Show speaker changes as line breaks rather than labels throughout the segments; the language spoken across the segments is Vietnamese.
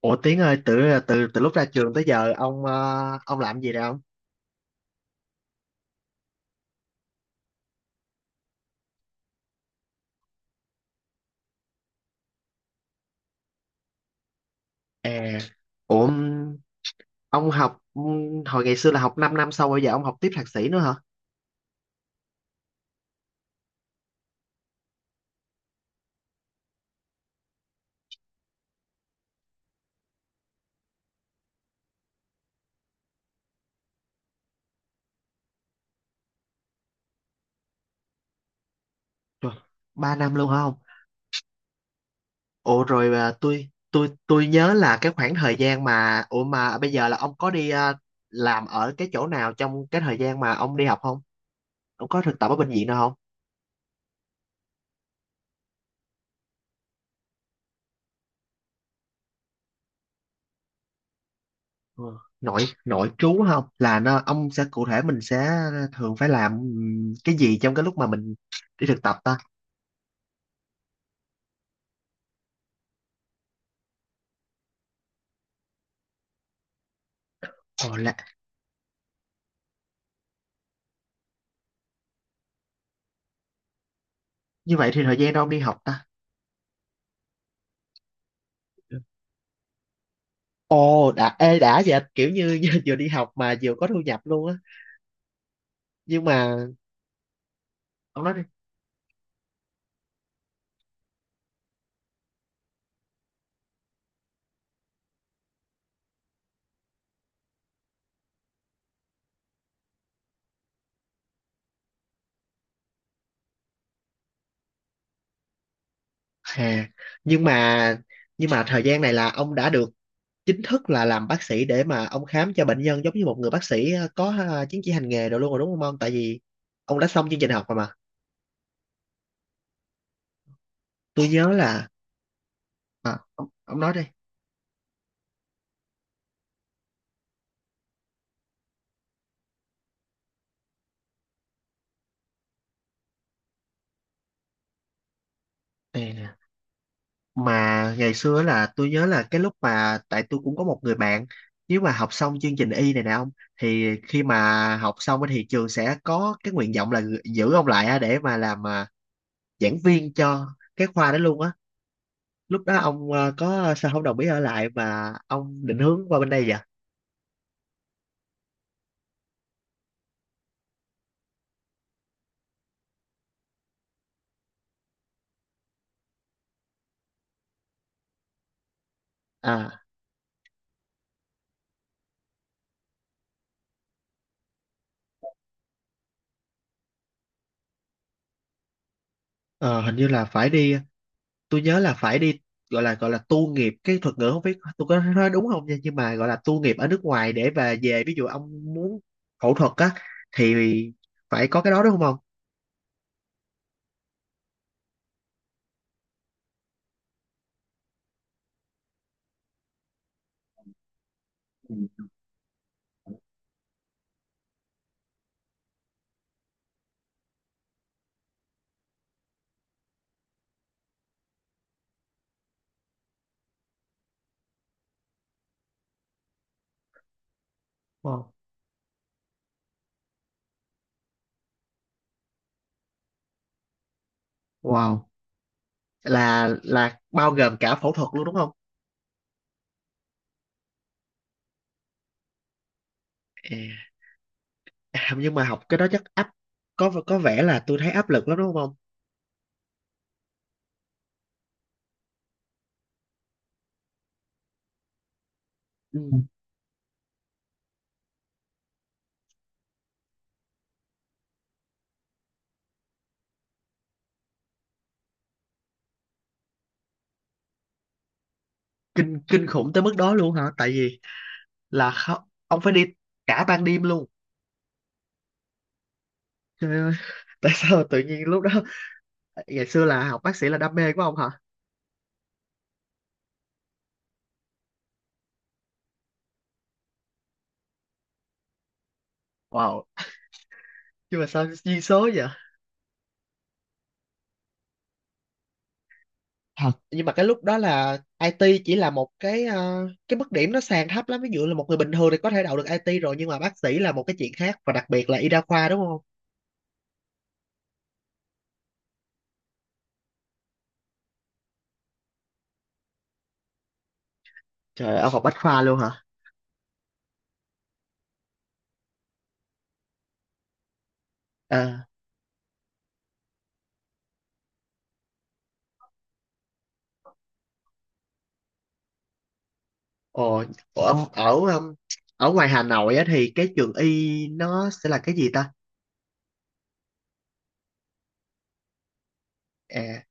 Ủa Tiến ơi, từ từ từ lúc ra trường tới giờ ông làm gì rồi ông? À, ủa ông học hồi ngày xưa là học 5 năm sau bây giờ ông học tiếp thạc sĩ nữa hả? Trời, 3 năm luôn hả ông? Ủa rồi, tôi nhớ là cái khoảng thời gian mà, ủa mà bây giờ là ông có đi làm ở cái chỗ nào trong cái thời gian mà ông đi học không? Ông có thực tập ở bệnh viện nào không? Ừ. Nội nội trú không? Là nó ông sẽ cụ thể mình sẽ thường phải làm cái gì trong cái lúc mà mình đi thực tập ta? Ồ, như vậy thì thời gian đâu ông đi học ta. Ồ, đã, ê, đã vậy kiểu như vừa đi học mà vừa có thu nhập luôn á. Nhưng mà, ông nói đi. Hà, nhưng mà, nhưng mà thời gian này là ông đã được chính thức là làm bác sĩ để mà ông khám cho bệnh nhân giống như một người bác sĩ, có chứng chỉ hành nghề rồi luôn rồi đúng không ông? Tại vì ông đã xong chương trình học rồi mà. Tôi nhớ là. Ông nói đi. Nè, mà ngày xưa là tôi nhớ là cái lúc mà, tại tôi cũng có một người bạn, nếu mà học xong chương trình y này nè ông, thì khi mà học xong á thì trường sẽ có cái nguyện vọng là giữ ông lại á để mà làm giảng viên cho cái khoa đó luôn á. Lúc đó ông có sao không đồng ý ở lại mà ông định hướng qua bên đây vậy? À ờ, hình như là phải đi, tôi nhớ là phải đi, gọi là tu nghiệp, cái thuật ngữ không biết tôi có nói đúng không nha, nhưng mà gọi là tu nghiệp ở nước ngoài để và về. Ví dụ ông muốn phẫu thuật á, thì phải có cái đó đúng không ông? Ừ. Wow. Wow. Là bao gồm cả phẫu thuật luôn đúng không? À, à, nhưng mà học cái đó chắc có vẻ là tôi thấy áp lực lắm đúng không ông? Ừ. Kinh kinh khủng tới mức đó luôn hả? Tại vì ông phải đi cả ban đêm luôn. Trời ơi, tại sao tự nhiên lúc đó, ngày xưa là học bác sĩ là đam mê của ông hả? Wow, nhưng mà sao duyên số vậy? Thật, nhưng mà cái lúc đó là IT chỉ là một cái, cái mức điểm nó sàn thấp lắm, ví dụ là một người bình thường thì có thể đậu được IT rồi, nhưng mà bác sĩ là một cái chuyện khác, và đặc biệt là y đa khoa đúng không? Trời, ở học Bách khoa luôn hả? Ờ, ồ, ở, ở ở ngoài Hà Nội á, thì cái trường y nó sẽ là cái gì ta? À,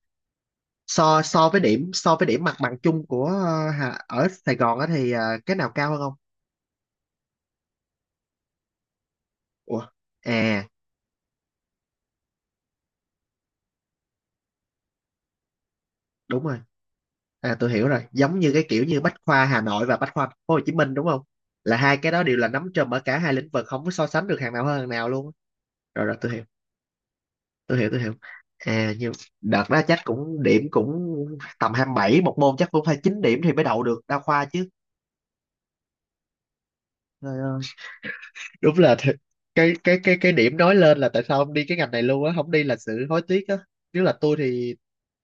so so với điểm mặt bằng chung của, ở Sài Gòn á, thì cái nào cao hơn không? Ủa, à đúng rồi. À tôi hiểu rồi, giống như cái kiểu như Bách khoa Hà Nội và Bách khoa Thành phố Hồ Chí Minh đúng không? Là hai cái đó đều là nắm trùm ở cả hai lĩnh vực, không có so sánh được hàng nào hơn hàng nào luôn. Rồi rồi, tôi hiểu, tôi hiểu, tôi hiểu. À nhưng đợt đó chắc cũng điểm cũng tầm 27 một môn, chắc cũng phải 9 điểm thì mới đậu được đa khoa chứ. Trời ơi. Đúng là thiệt. Cái điểm nói lên là tại sao ông đi cái ngành này luôn á, không đi là sự hối tiếc á. Nếu là tôi thì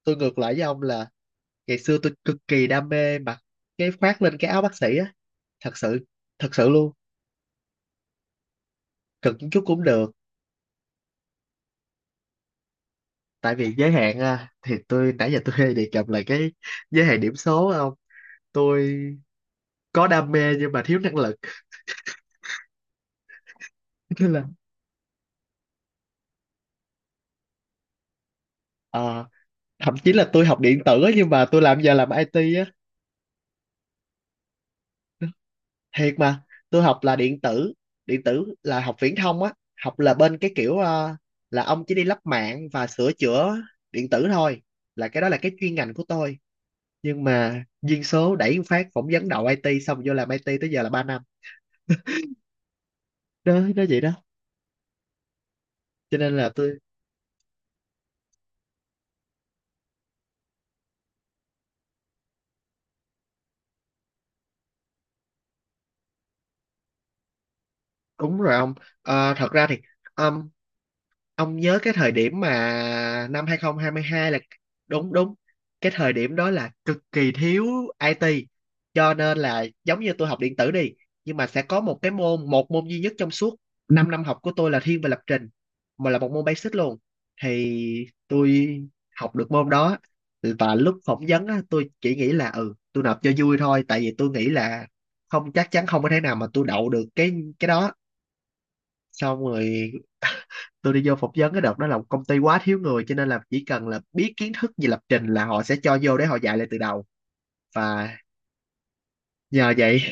tôi ngược lại với ông, là ngày xưa tôi cực kỳ đam mê mà cái khoác lên cái áo bác sĩ á, thật sự thật sự luôn. Cực một chút cũng được. Tại vì giới hạn, thì tôi nãy giờ tôi hay đề cập là cái giới hạn điểm số á. Không, tôi có đam mê nhưng mà thiếu năng lực. Nên là, ờ, thậm chí là tôi học điện tử á, nhưng mà tôi làm giờ làm IT á. Thiệt mà, tôi học là điện tử. Điện tử là học viễn thông á. Học là bên cái kiểu, là ông chỉ đi lắp mạng và sửa chữa điện tử thôi, là cái đó là cái chuyên ngành của tôi. Nhưng mà duyên số đẩy một phát, phỏng vấn đậu IT xong vô làm IT tới giờ là 3 năm. Đó, nó vậy đó, cho nên là tôi. Đúng rồi ông. Ờ, thật ra thì, um, ông nhớ cái thời điểm mà 2022 là. Đúng đúng. Cái thời điểm đó là cực kỳ thiếu IT, cho nên là giống như tôi học điện tử đi, nhưng mà sẽ có một cái môn, một môn duy nhất trong suốt 5 năm học của tôi là thiên về lập trình, mà là một môn basic luôn, thì tôi học được môn đó. Và lúc phỏng vấn á, tôi chỉ nghĩ là, ừ, tôi nộp cho vui thôi, tại vì tôi nghĩ là không chắc chắn, không có thể nào mà tôi đậu được cái đó. Xong rồi tôi đi vô phỏng vấn, cái đợt đó là một công ty quá thiếu người, cho nên là chỉ cần là biết kiến thức về lập trình là họ sẽ cho vô để họ dạy lại từ đầu. Và nhờ vậy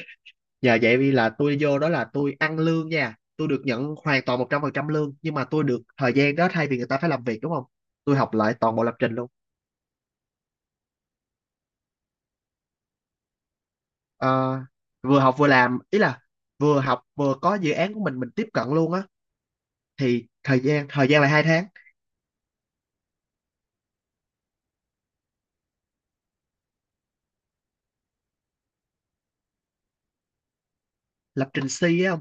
nhờ vậy vì là tôi vô đó là tôi ăn lương nha, tôi được nhận hoàn toàn 100% lương, nhưng mà tôi được thời gian đó thay vì người ta phải làm việc đúng không, tôi học lại toàn bộ lập trình luôn. Ờ, vừa học vừa làm, ý là vừa học vừa có dự án của mình tiếp cận luôn á. Thì thời gian là 2 tháng. Lập trình C á không.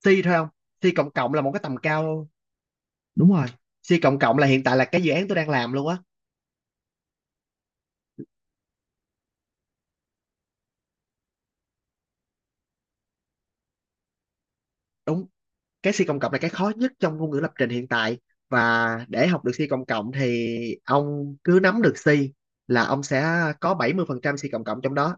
C thôi không. C cộng cộng là một cái tầm cao. Đúng rồi. C cộng cộng là hiện tại là cái dự án tôi đang làm luôn á. Đúng, cái C cộng cộng là cái khó nhất trong ngôn ngữ lập trình hiện tại, và để học được C cộng cộng thì ông cứ nắm được C là ông sẽ có 70% C cộng cộng trong đó.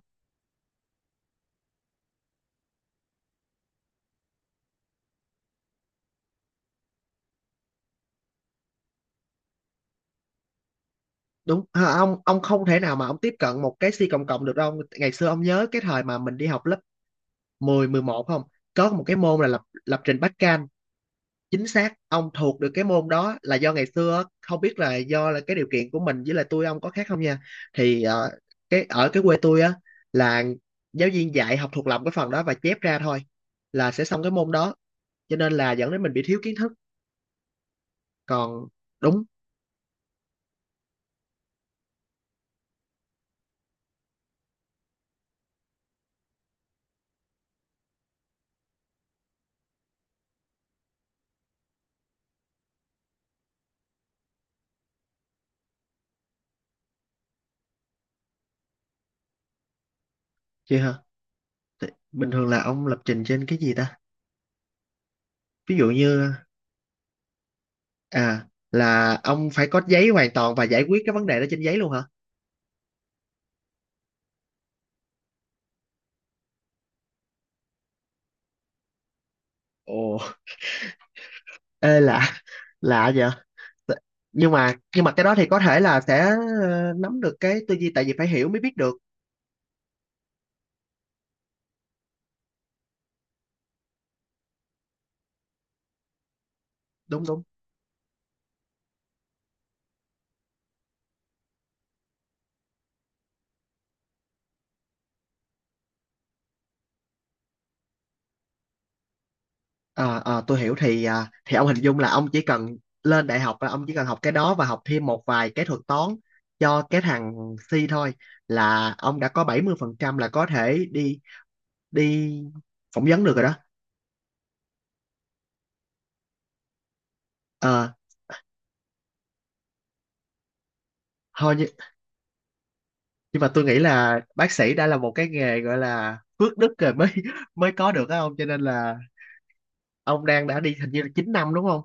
Đúng ông không thể nào mà ông tiếp cận một cái C cộng cộng được đâu. Ngày xưa ông nhớ cái thời mà mình đi học lớp mười, mười một không, có một cái môn là lập lập trình backend. Chính xác, ông thuộc được cái môn đó là do ngày xưa không biết là do là cái điều kiện của mình, với lại tôi ông có khác không nha. Thì, ờ, cái ở cái quê tôi á, là giáo viên dạy học thuộc lòng cái phần đó và chép ra thôi là sẽ xong cái môn đó, cho nên là dẫn đến mình bị thiếu kiến thức. Còn. Đúng chị hả? Thì bình thường là ông lập trình trên cái gì ta? Ví dụ như, là ông phải có giấy hoàn toàn và giải quyết cái vấn đề đó trên giấy luôn hả? Ồ, ê lạ lạ vậy. T- nhưng mà cái đó thì có thể là sẽ nắm được cái tư duy, tại vì phải hiểu mới biết được. Đúng đúng. Ờ, tôi hiểu, thì thì ông hình dung là ông chỉ cần lên đại học, là ông chỉ cần học cái đó và học thêm một vài cái thuật toán cho cái thằng C thôi, là ông đã có 70% là có thể đi đi phỏng vấn được rồi đó. Ờ, Thôi, nhưng mà tôi nghĩ là bác sĩ đã là một cái nghề gọi là phước đức rồi mới có được á ông, cho nên là ông đã đi hình như là 9 năm đúng không?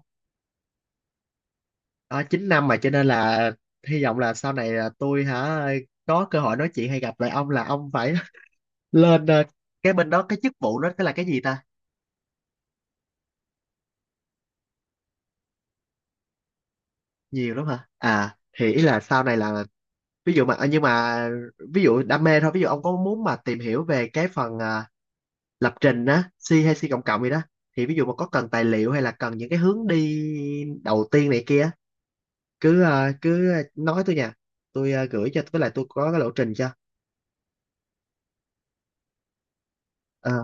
À, 9 năm mà, cho nên là hy vọng là sau này là tôi hả, có cơ hội nói chuyện hay gặp lại ông là ông phải lên, cái bên đó cái chức vụ đó cái là cái gì ta? Nhiều lắm hả? Thì ý là sau này là, ví dụ mà, nhưng mà ví dụ đam mê thôi, ví dụ ông có muốn mà tìm hiểu về cái phần, lập trình á, C hay C cộng cộng gì đó, thì ví dụ mà có cần tài liệu hay là cần những cái hướng đi đầu tiên này kia, cứ nói tôi nha. Tôi gửi cho, với lại tôi có cái lộ trình cho. ờ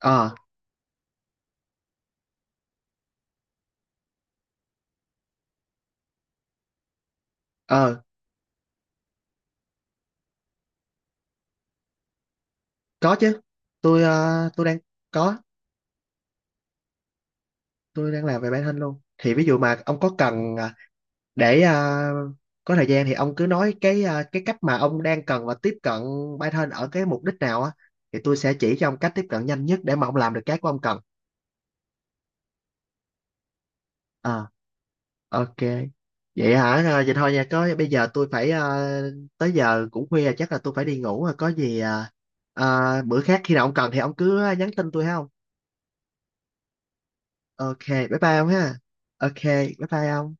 ờ ờ Có chứ. Tôi có, đang làm về bản thân luôn. Thì ví dụ mà ông có cần để có thời gian thì ông cứ nói cái cách mà ông đang cần và tiếp cận bản thân ở cái mục đích nào á, thì tôi sẽ chỉ cho ông cách tiếp cận nhanh nhất để mà ông làm được cái của ông cần. Ờ, ok. Vậy hả? À, vậy thôi nha. Có bây giờ tới giờ cũng khuya, chắc là tôi phải đi ngủ rồi. Có gì bữa khác khi nào ông cần thì ông cứ nhắn tin tôi ha ông. Ok, bye bye ông ha. Ok, bye bye ông.